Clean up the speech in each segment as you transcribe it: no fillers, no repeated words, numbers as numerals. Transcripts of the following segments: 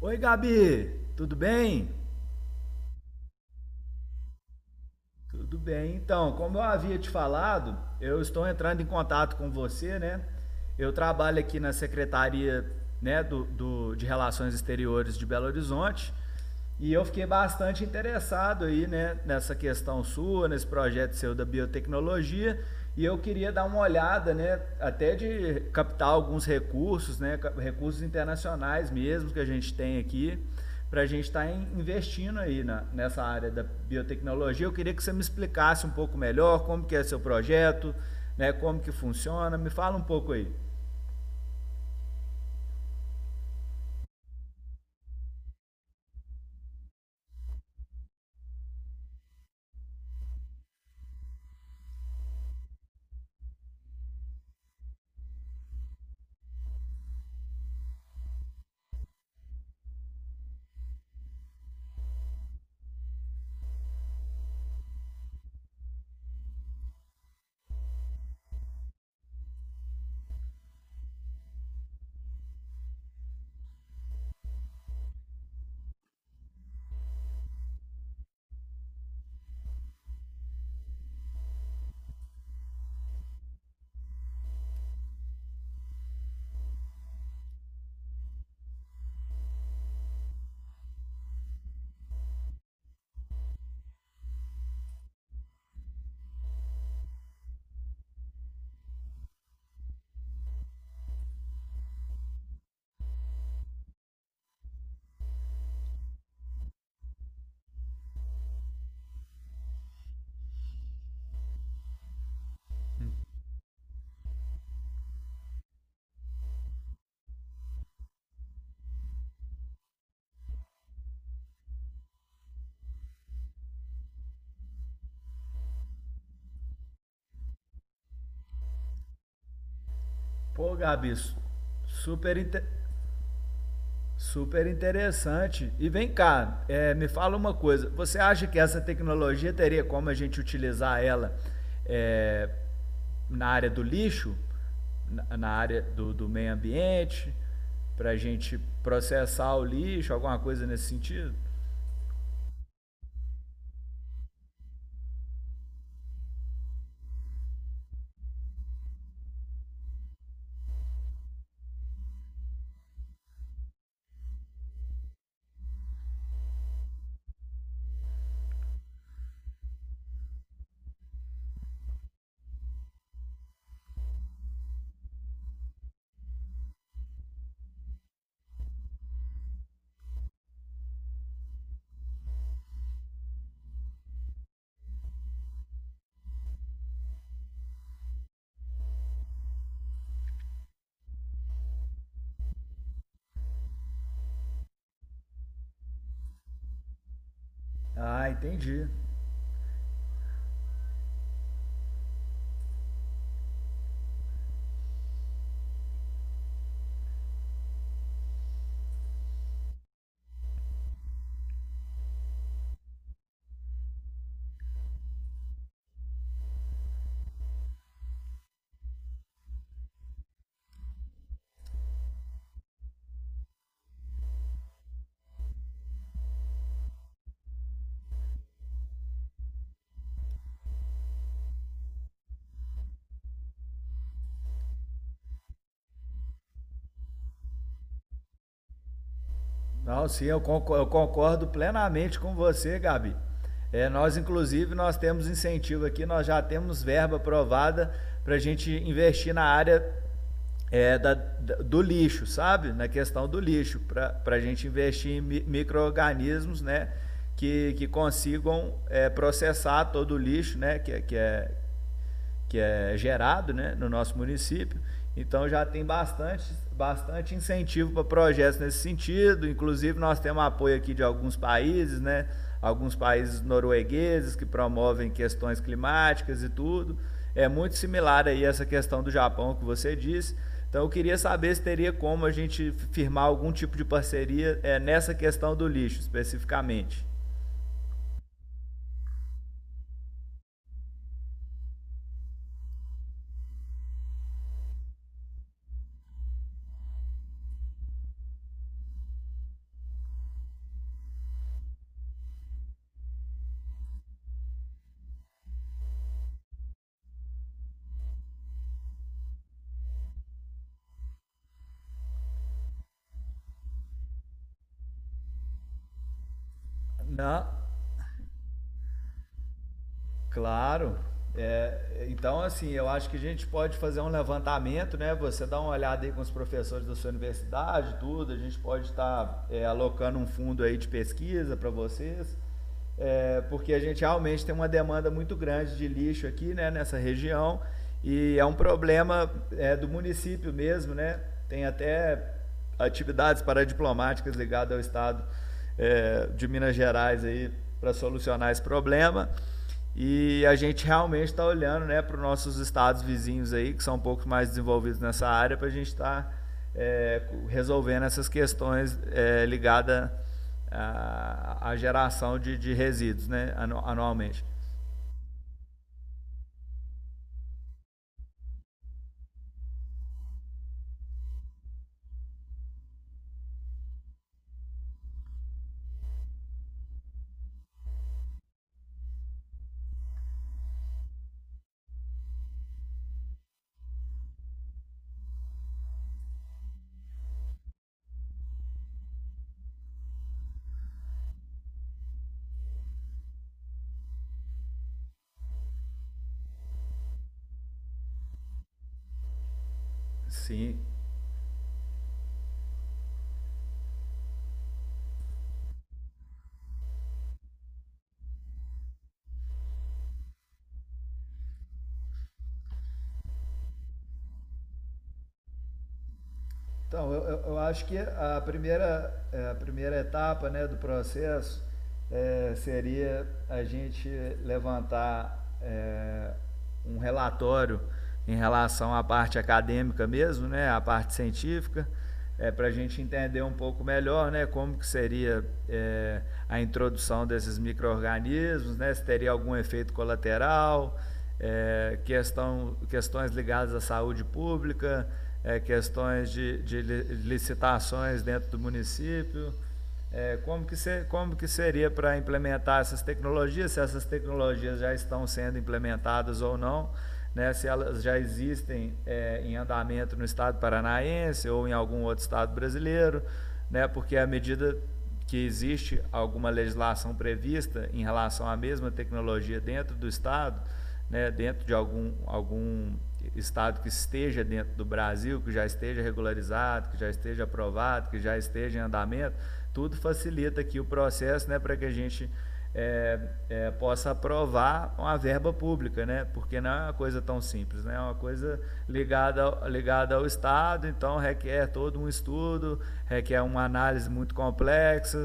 Oi, Gabi, tudo bem? Tudo bem. Então, como eu havia te falado, eu estou entrando em contato com você, né? Eu trabalho aqui na Secretaria, né, de Relações Exteriores de Belo Horizonte e eu fiquei bastante interessado aí, né, nessa questão sua, nesse projeto seu da biotecnologia e eu queria dar uma olhada, né, até de captar alguns recursos, né, recursos internacionais mesmo que a gente tem aqui para a gente estar investindo aí nessa área da biotecnologia. Eu queria que você me explicasse um pouco melhor como que é seu projeto, né, como que funciona. Me fala um pouco aí. Pô, Gabi, super, inter... super interessante. E vem cá, me fala uma coisa. Você acha que essa tecnologia teria como a gente utilizar ela é, na área do lixo, na área do meio ambiente, para a gente processar o lixo, alguma coisa nesse sentido? Ah, entendi. Não, sim, eu concordo plenamente com você, Gabi. É, nós, inclusive, nós temos incentivo aqui, nós já temos verba aprovada para a gente investir na área do lixo, sabe? Na questão do lixo, para a gente investir em micro-organismos, né? Que, que consigam processar todo o lixo, né? Que é gerado, né, no nosso município. Então já tem bastante incentivo para projetos nesse sentido. Inclusive nós temos apoio aqui de alguns países, né? Alguns países noruegueses que promovem questões climáticas e tudo. É muito similar aí essa questão do Japão que você disse. Então eu queria saber se teria como a gente firmar algum tipo de parceria nessa questão do lixo especificamente. Não, claro. É, então, assim, eu acho que a gente pode fazer um levantamento, né? Você dá uma olhada aí com os professores da sua universidade, tudo. A gente pode estar alocando um fundo aí de pesquisa para vocês, é, porque a gente realmente tem uma demanda muito grande de lixo aqui, né? Nessa região e é um problema do município mesmo, né? Tem até atividades paradiplomáticas ligadas ao estado de Minas Gerais aí para solucionar esse problema. E a gente realmente está olhando, né, para os nossos estados vizinhos aí, que são um pouco mais desenvolvidos nessa área, para a gente é, resolvendo essas questões, é, ligadas à geração de resíduos, né, anualmente. Sim. Então, eu acho que a primeira etapa, né, do processo é, seria a gente levantar é, um relatório em relação à parte acadêmica mesmo, né, à parte científica, é, para a gente entender um pouco melhor, né, como que seria a introdução desses micro-organismos, né, se teria algum efeito colateral, questões ligadas à saúde pública, é, questões de licitações dentro do município, é, como que seria para implementar essas tecnologias, se essas tecnologias já estão sendo implementadas ou não, né, se elas já existem, é, em andamento no estado paranaense ou em algum outro estado brasileiro, né, porque à medida que existe alguma legislação prevista em relação à mesma tecnologia dentro do estado, né, dentro de algum estado que esteja dentro do Brasil, que já esteja regularizado, que já esteja aprovado, que já esteja em andamento, tudo facilita aqui o processo, né, para que a gente é, possa aprovar uma verba pública, né? Porque não é uma coisa tão simples, né? É uma coisa ligada ao Estado, então requer todo um estudo, requer uma análise muito complexa,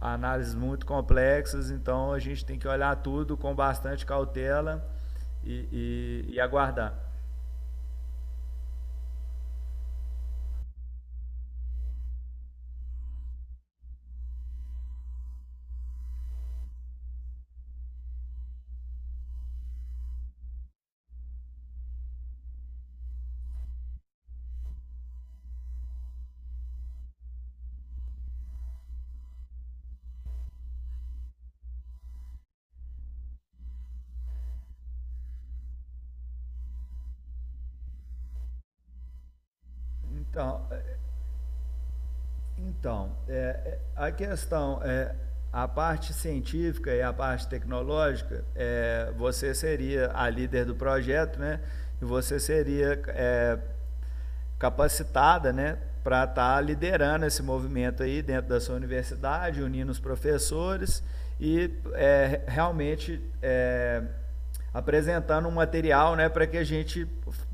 análises muito complexas, então a gente tem que olhar tudo com bastante cautela e aguardar. Então, Então, é, a questão é a parte científica e a parte tecnológica. É, você seria a líder do projeto, né? E você seria, é, capacitada, né, para estar liderando esse movimento aí dentro da sua universidade, unindo os professores e é, realmente é, apresentando um material, né, para que a gente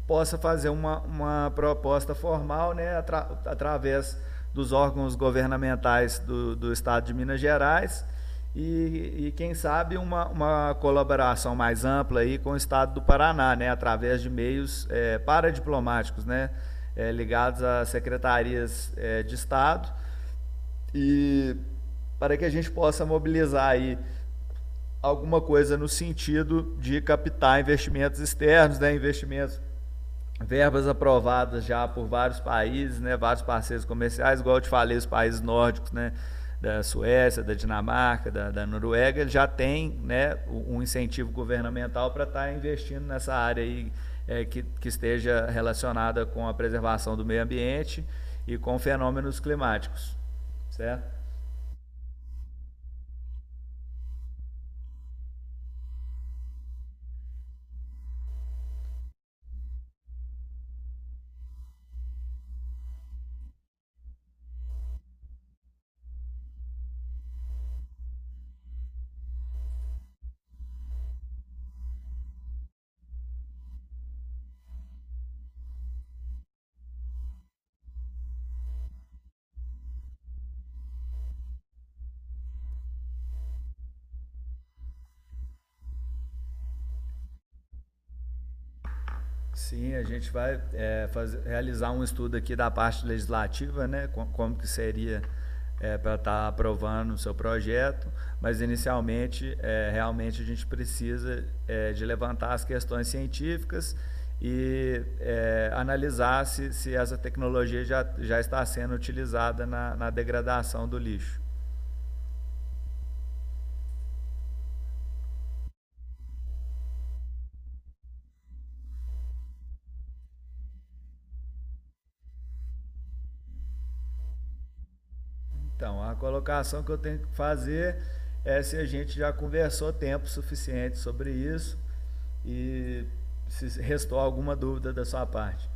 possa fazer uma proposta formal, né, através dos órgãos governamentais do Estado de Minas Gerais e quem sabe, uma colaboração mais ampla aí com o Estado do Paraná, né, através de meios eh, paradiplomáticos, né, eh, ligados a secretarias eh, de Estado e para que a gente possa mobilizar aí alguma coisa no sentido de captar investimentos externos, né, investimentos, verbas aprovadas já por vários países, né, vários parceiros comerciais, igual eu te falei, os países nórdicos, né, da Suécia, da Dinamarca, da Noruega, já tem, né, um incentivo governamental para estar investindo nessa área aí, é, que esteja relacionada com a preservação do meio ambiente e com fenômenos climáticos, certo? Sim, a gente vai realizar um estudo aqui da parte legislativa, né? Como que seria é, para estar aprovando o seu projeto, mas inicialmente, é, realmente a gente precisa é, de levantar as questões científicas e é, analisar se essa tecnologia já está sendo utilizada na degradação do lixo. Então, a colocação que eu tenho que fazer é se a gente já conversou tempo suficiente sobre isso e se restou alguma dúvida da sua parte.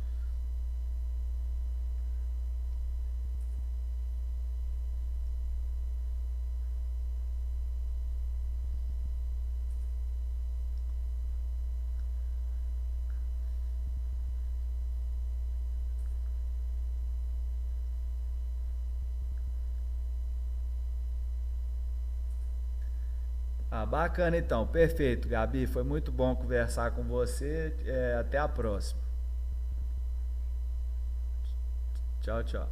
Ah, bacana então, perfeito, Gabi. Foi muito bom conversar com você. É, até a próxima. Tchau, tchau.